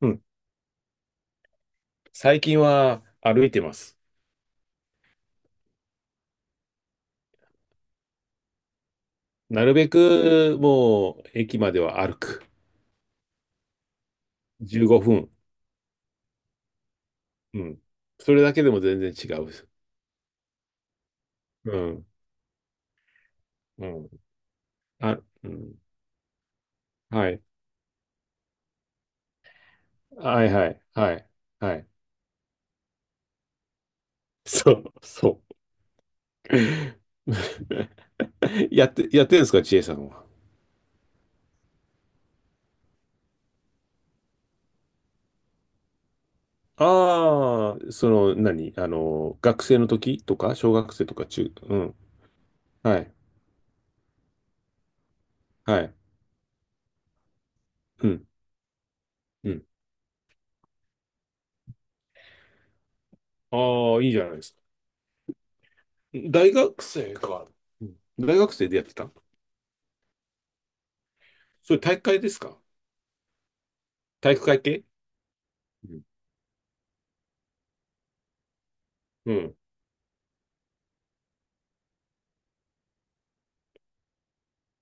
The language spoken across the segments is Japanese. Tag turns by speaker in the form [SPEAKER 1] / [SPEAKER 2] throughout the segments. [SPEAKER 1] うん。最近は歩いてます。なるべくもう駅までは歩く。15分。うん。それだけでも全然違う。うん。うん。あ、うん。はい。はいはい。はい。はい。そう。そう。やってるんですか、ちえさんは？ああ、その、何あの、学生の時とか、小学生とかうん。はい。はい。うん。うん。ああ、いいじゃないです。大学生か。うん、大学生でやってた。それ、体育会ですか？体育会系。うん。うん。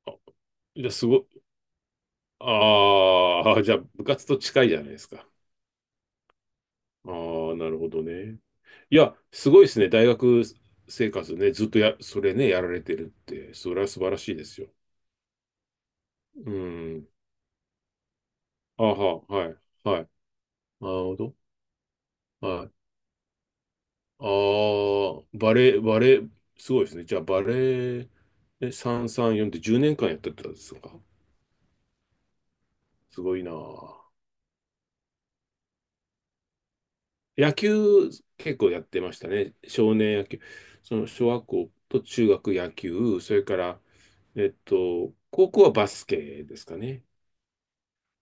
[SPEAKER 1] あ、じゃあ、すごい。ああ、じゃあ、部活と近いじゃないですか。ああ、なるほどね。いや、すごいですね。大学生活ね、ずっとや、それね、やられてるって、それは素晴らしいですよ。うん。はい、はい。なるほど。はい。ああ、バレー、すごいですね。じゃあ、バレー、え、334って10年間やってたんですか？すごいなぁ。野球、結構やってましたね。少年野球。その小学校と中学野球、それから、高校はバスケですかね。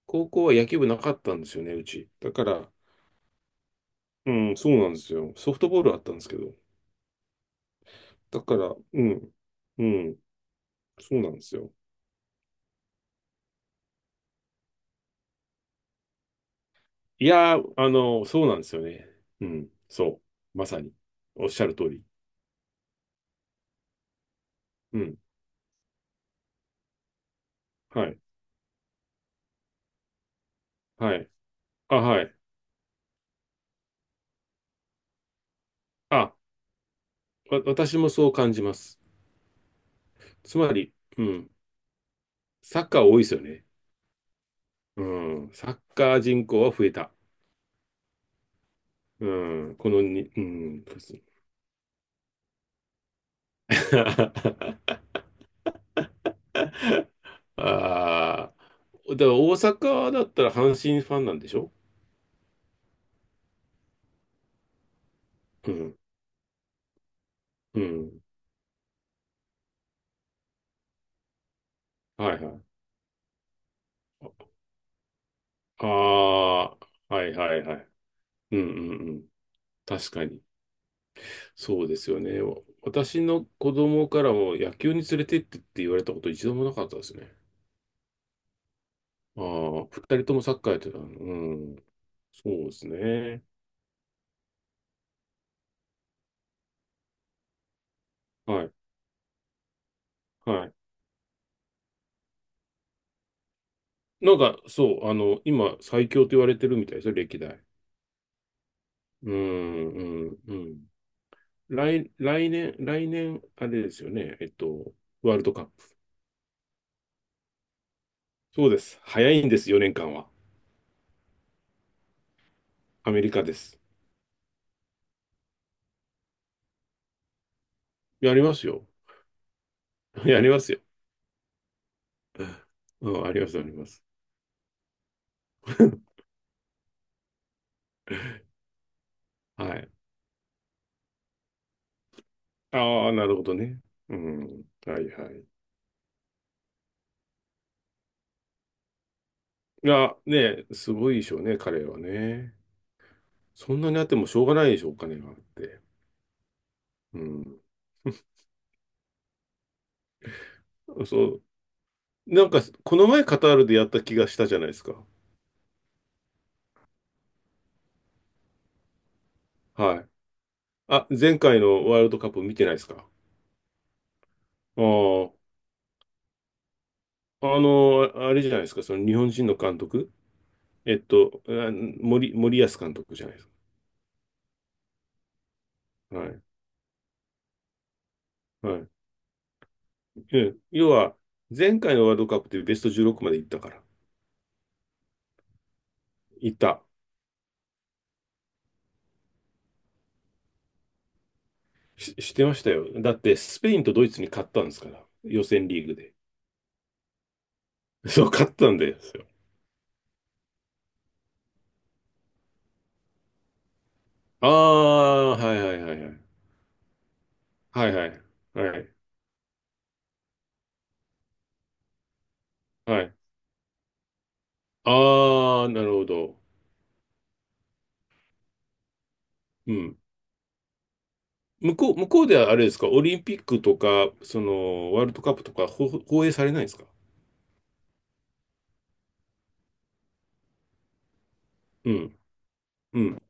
[SPEAKER 1] 高校は野球部なかったんですよね、うち。だから、うん、そうなんですよ。ソフトボールあったんですけど。だから、うん、うん、そうなんですよ。そうなんですよね。うん、そう。まさに。おっしゃる通り。うん、はい、はい。あ、はい。あ、私もそう感じます。つまり、うん、サッカー多いですよね。うん、サッカー人口は増えた。うん、このに、うん、ああ、だから大阪だったら阪神ファンなんでしょうん、うん、はいはい。ああ、はいはいはい。うんうんうん。確かに。そうですよね。私の子供からも野球に連れてってって言われたこと一度もなかったですね。ああ、二人ともサッカーやってたの。うん。そうですね。はい。はい。なんか、そう、あの、今、最強と言われてるみたいですよ、歴代。うん、うん、うん。来年、あれですよね、ワールドカップ。そうです。早いんです、4年間は。アメリカです。やりますよ。やりますよ。うん、あります、あります。はい。ああ、なるほどね。うん。はいはい。いや、ね、すごいでしょうね、彼はね。そんなにあってもしょうがないでしょう、お金があって。うん。そう、なんか、この前カタールでやった気がしたじゃないですか。はい。あ、前回のワールドカップ見てないですか？ああ、あの、あれじゃないですか、その日本人の監督。えっと、あ森保監督じゃないですか。はい。はい。うん要は、前回のワールドカップでベスト16まで行ったから。行った。してましたよ。だって、スペインとドイツに勝ったんですから。予選リーグで。そう、勝ったんですよ。ああ、はいはいはいはい。はいはい。はい。はい。ああ、なるほど。うん。向こうではあれですか、オリンピックとか、その、ワールドカップとか、放映されないんですか？うん。うん。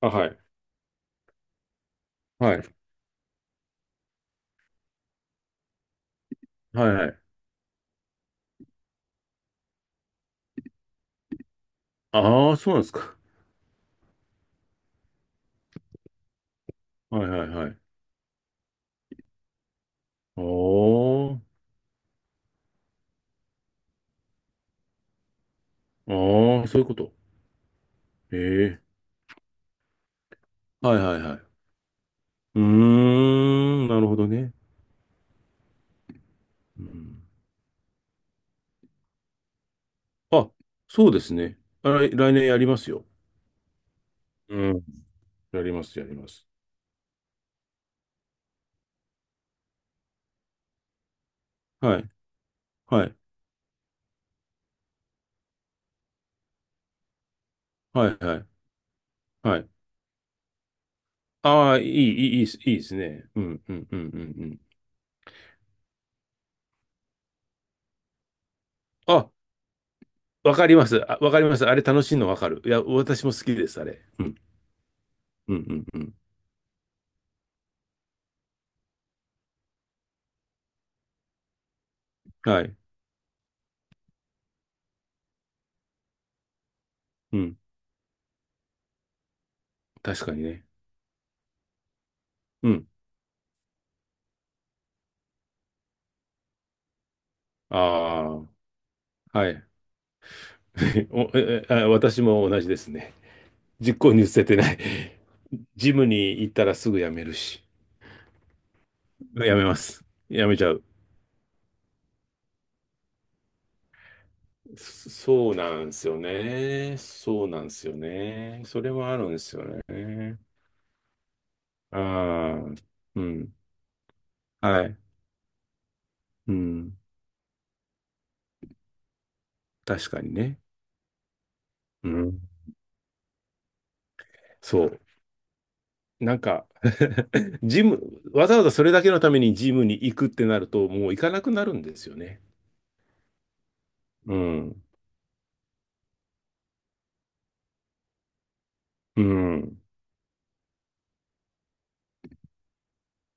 [SPEAKER 1] あ、はい。はい。はいはい。ああ、そうなんですか。はいはいはい。おー。ああ、そういうこと。ええ。はいはいはい。うーん、なるほどね。うん、あ、そうですね。あ、来年やりますよ。うん。やります、やります。はい。はい。はいはい。はい。ああ、いいですいいですね。うん、うん、うん、うん、うん。あ、わかります。あ、わかります。あれ楽しいのわかる。いや、私も好きです、あれ。うん。うん、うん、うん。はい。うん。確かにね。うん。ああ、はい。お、え、えあ、私も同じですね。実行に移せてない。ジムに行ったらすぐ辞めるし。辞めます。辞めちゃう。そうなんですよね。そうなんですよね。それはあるんですよね。ああ、うん。はい。うん。確かにね。うん。そう。なんか ジム、わざわざそれだけのためにジムに行くってなると、もう行かなくなるんですよね。うん。うん。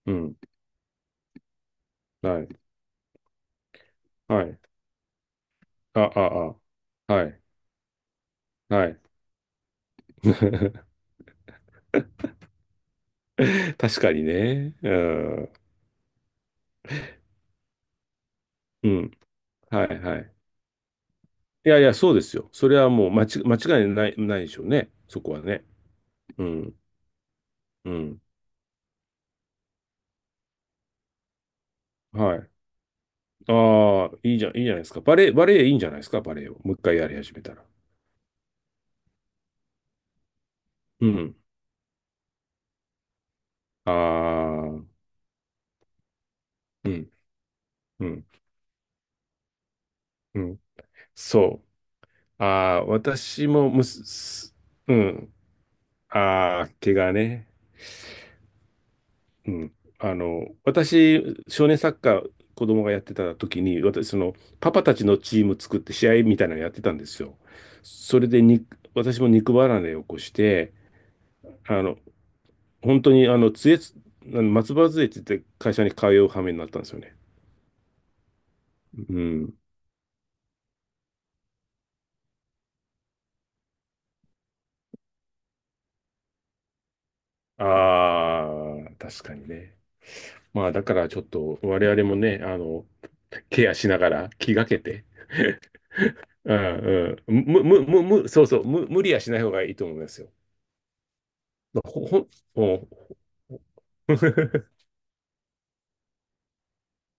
[SPEAKER 1] うん。はい。はい。あ、あ、あ。はい。はい。確かにね。うん。うん。はい、はい。いやいや、そうですよ。それはもう間違いない、ないでしょうね。そこはね。うん。うん。はい。ああ、いいじゃん、いいじゃないですか。バレエいいんじゃないですか、バレエを。もう一回やり始めたら。うん。ああ、うん、うん、うん。そう。ああ、私もむす、すうん。ああ、怪我ね。うん。あの、私、少年サッカー、子供がやってた時に、私、その、パパたちのチーム作って試合みたいなのやってたんですよ。それでに、私も肉離れを起こして、あの、本当に、あの、松葉杖つって会社に通う羽目になったんですよね。うん。ああ、確かにね。まあ、だからちょっと我々もね、あの、ケアしながら気がけて、うんうん、む、む、む、む、そうそう、無理はしない方がいいと思いますよ。ほ、ほ、ほ。